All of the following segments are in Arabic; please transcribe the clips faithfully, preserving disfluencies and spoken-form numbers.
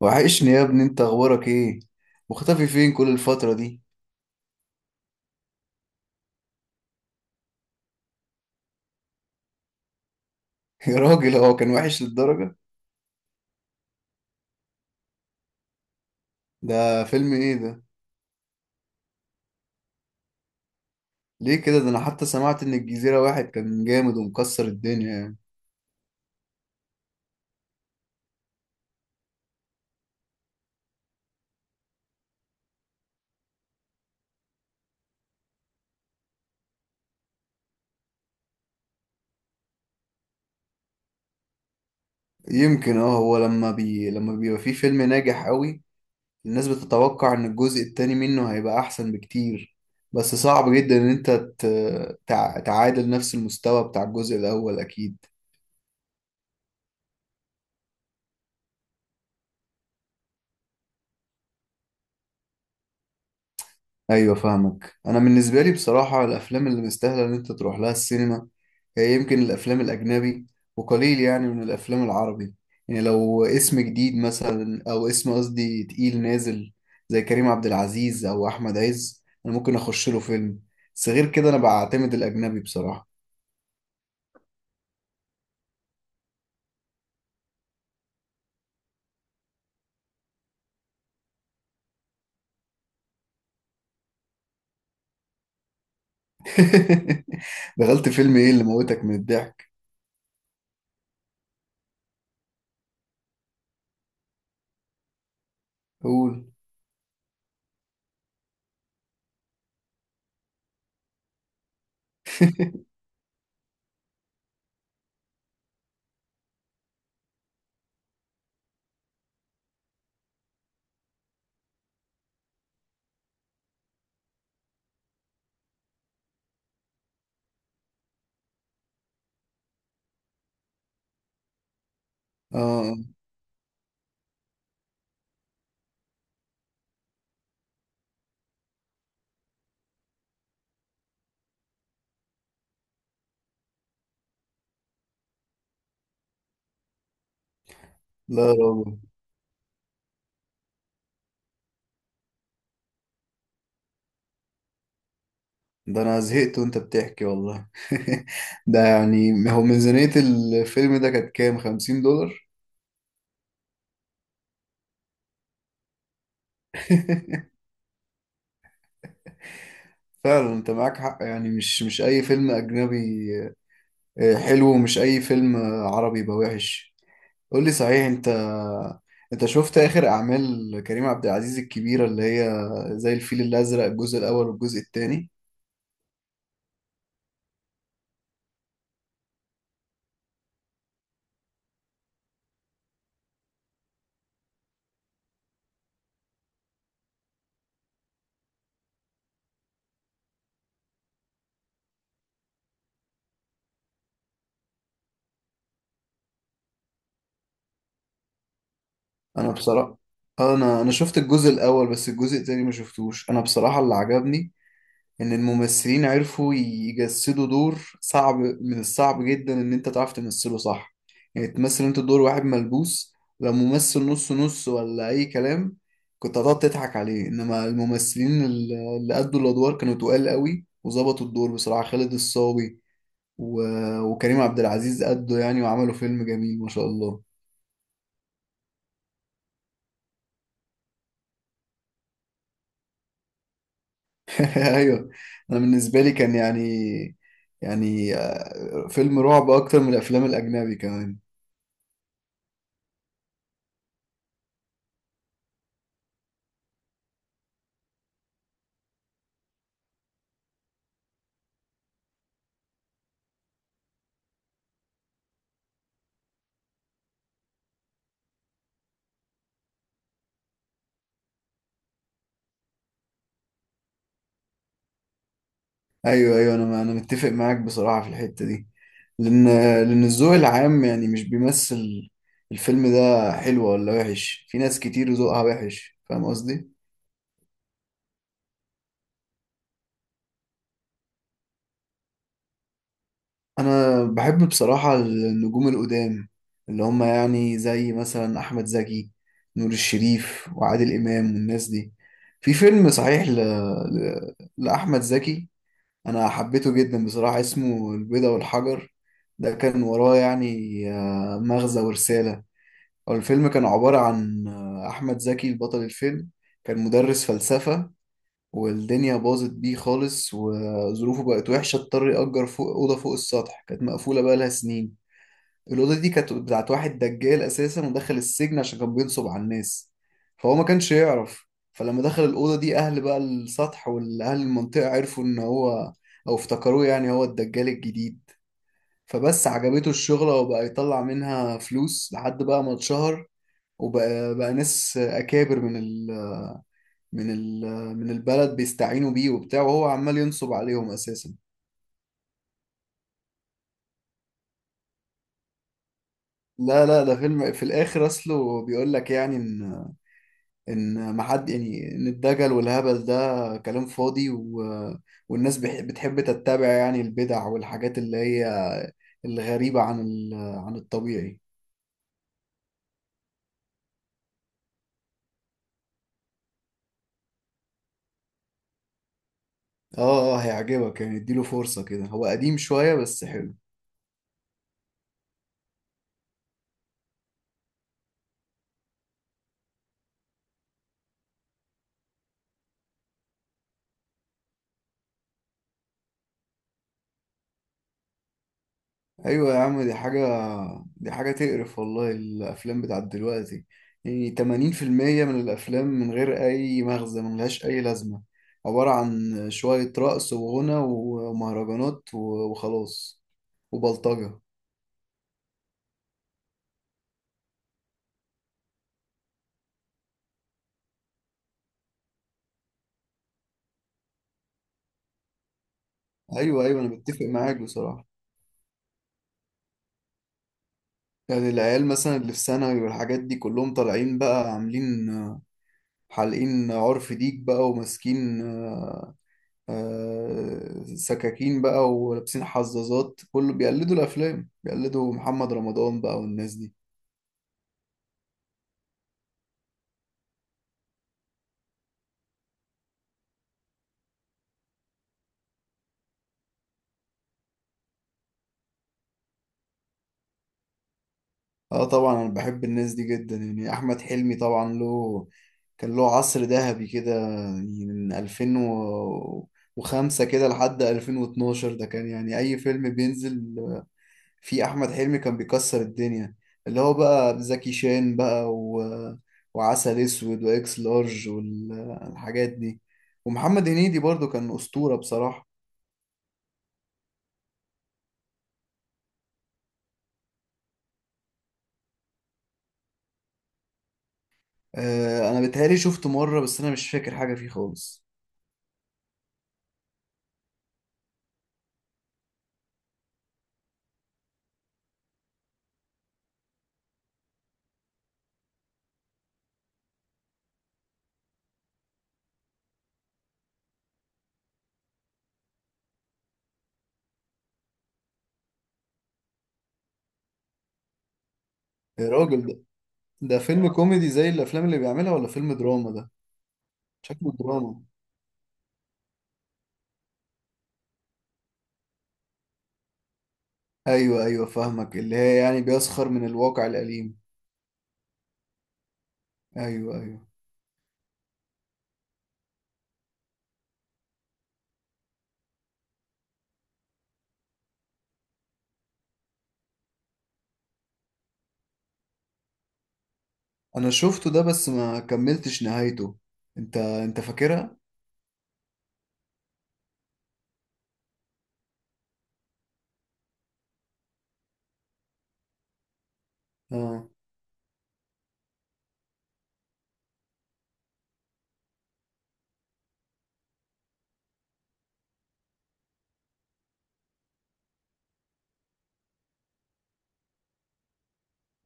وحشني يا ابني، انت اخبارك ايه؟ مختفي فين كل الفترة دي؟ يا راجل، هو كان وحش للدرجة؟ ده فيلم ايه ده؟ ليه كده؟ ده انا حتى سمعت ان الجزيرة واحد كان جامد ومكسر الدنيا يعني. يمكن اه هو لما بي لما بيبقى فيه فيلم ناجح قوي، الناس بتتوقع ان الجزء التاني منه هيبقى احسن بكتير. بس صعب جدا ان انت ت... تع... تعادل نفس المستوى بتاع الجزء الاول اكيد. ايوه فاهمك. انا بالنسبه لي بصراحه، الافلام اللي مستاهله ان انت تروح لها السينما هي يمكن الافلام الاجنبي، وقليل يعني من الافلام العربي. يعني لو اسم جديد مثلا، او اسم قصدي تقيل نازل، زي كريم عبد العزيز او احمد عز، انا ممكن اخش له فيلم. بس غير كده انا بعتمد الاجنبي بصراحه. دخلت فيلم ايه اللي موتك من الضحك؟ قول. اه لا يا راجل، ده انا زهقت وانت بتحكي والله. ده يعني هو ميزانية الفيلم ده كانت كام، خمسين دولار؟ فعلا انت معاك حق، يعني مش مش اي فيلم اجنبي آه، حلو، ومش اي فيلم آه، عربي يبقى وحش. قول لي صحيح، انت انت شفت اخر اعمال كريم عبد العزيز الكبيرة اللي هي زي الفيل الازرق، الجزء الاول والجزء التاني؟ انا بصراحة، انا انا شفت الجزء الاول بس الجزء التاني ما شفتوش. انا بصراحة اللي عجبني ان الممثلين عرفوا يجسدوا دور صعب، من الصعب جدا ان انت تعرف تمثله صح. يعني تمثل انت دور واحد ملبوس، لو ممثل نص نص ولا اي كلام، كنت هتقعد تضحك عليه. انما الممثلين ال- اللي أدوا الادوار كانوا تقال قوي وظبطوا الدور بصراحة. خالد الصاوي و... وكريم عبد العزيز أدوا يعني وعملوا فيلم جميل ما شاء الله. ايوه. انا بالنسبة لي كان يعني، يعني آه، فيلم رعب اكتر من الافلام الاجنبي كمان. ايوه ايوه، انا انا متفق معاك بصراحه في الحته دي. لان، لان الذوق العام يعني مش بيمثل. الفيلم ده حلو ولا وحش؟ في ناس كتير ذوقها وحش، فاهم قصدي؟ انا بحب بصراحه النجوم القدام، اللي هم يعني زي مثلا احمد زكي، نور الشريف، وعادل امام، والناس دي. في فيلم صحيح ل... ل... لاحمد زكي انا حبيته جدا بصراحه، اسمه البيضة والحجر. ده كان وراه يعني آه، مغزى ورساله. هو الفيلم كان عبارة عن، أحمد زكي البطل الفيلم كان مدرس فلسفة، والدنيا باظت بيه خالص وظروفه بقت وحشة، اضطر يأجر فوق أوضة فوق السطح كانت مقفولة بقالها سنين. الأوضة دي كانت بتاعت واحد دجال أساسا ودخل السجن عشان كان بينصب على الناس، فهو ما كانش يعرف. فلما دخل الأوضة دي، أهل بقى السطح والأهل المنطقة عرفوا إن هو، أو افتكروه يعني هو الدجال الجديد. فبس عجبته الشغلة وبقى يطلع منها فلوس لحد بقى ما اتشهر، وبقى بقى ناس اكابر من ال من ال من البلد بيستعينوا بيه وبتاع، وهو عمال ينصب عليهم اساسا. لا لا، ده فيلم في الاخر اصله بيقول لك يعني ان، ان ما حد يعني، ان الدجل والهبل ده كلام فاضي، و والناس بح- بتحب تتبع يعني البدع والحاجات اللي هي الغريبة عن ال عن الطبيعي. اه اه، هيعجبك يعني، اديله فرصة كده، هو قديم شوية بس حلو. ايوه يا عم، دي حاجه دي حاجه تقرف والله، الافلام بتاعت دلوقتي يعني ثمانين في المية من الافلام من غير اي مغزى، ملهاش اي لازمه، عباره عن شويه رقص وغنى ومهرجانات و- وخلاص، وبلطجه. ايوه ايوه انا بتفق معاك بصراحه. يعني العيال مثلا اللي في ثانوي والحاجات دي، كلهم طالعين بقى عاملين حالقين عرف ديك بقى، وماسكين آه، سكاكين بقى، ولابسين حظاظات، كله بيقلدوا الافلام، بيقلدوا محمد رمضان بقى والناس دي. اه طبعا، انا بحب الناس دي جدا، يعني احمد حلمي طبعا له، كان له عصر ذهبي كده يعني، من ألفين وخمسة كده لحد ألفين واتناشر، ده كان يعني اي فيلم بينزل في احمد حلمي كان بيكسر الدنيا. اللي هو بقى زكي شان بقى و... وعسل اسود واكس لارج والحاجات دي. ومحمد هنيدي برضو كان اسطورة بصراحة. آه، انا بتهيألي شفته مرة، بس انا مش فاكر حاجة فيه خالص. يا راجل، ده ده فيلم كوميدي زي الافلام اللي بيعملها ولا فيلم دراما ده؟ شكله دراما. ايوه ايوه فاهمك، اللي هي يعني بيسخر من الواقع الأليم. ايوه ايوه، انا شفته ده بس ما كملتش نهايته، انت انت فاكرها؟ اه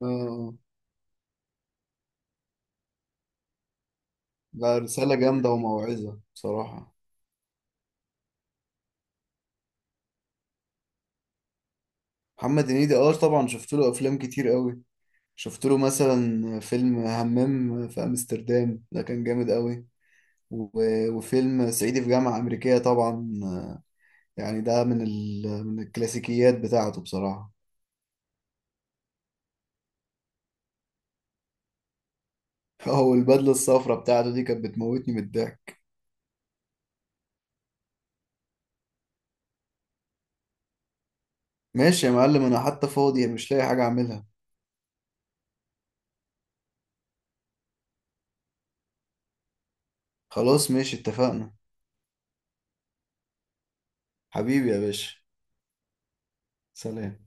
اه. آه. لا، رسالة جامدة وموعظة بصراحة. محمد هنيدي اه طبعا، شفت له افلام كتير قوي. شفت له مثلا فيلم همام في امستردام، ده كان جامد قوي. و- وفيلم صعيدي في جامعة أمريكية طبعا، يعني ده من ال... من الكلاسيكيات بتاعته بصراحة. هو البدلة الصفراء بتاعته دي كانت بتموتني من الضحك. ماشي يا معلم، أنا حتى فاضي مش لاقي حاجة أعملها. خلاص ماشي، اتفقنا. حبيبي يا باشا. سلام.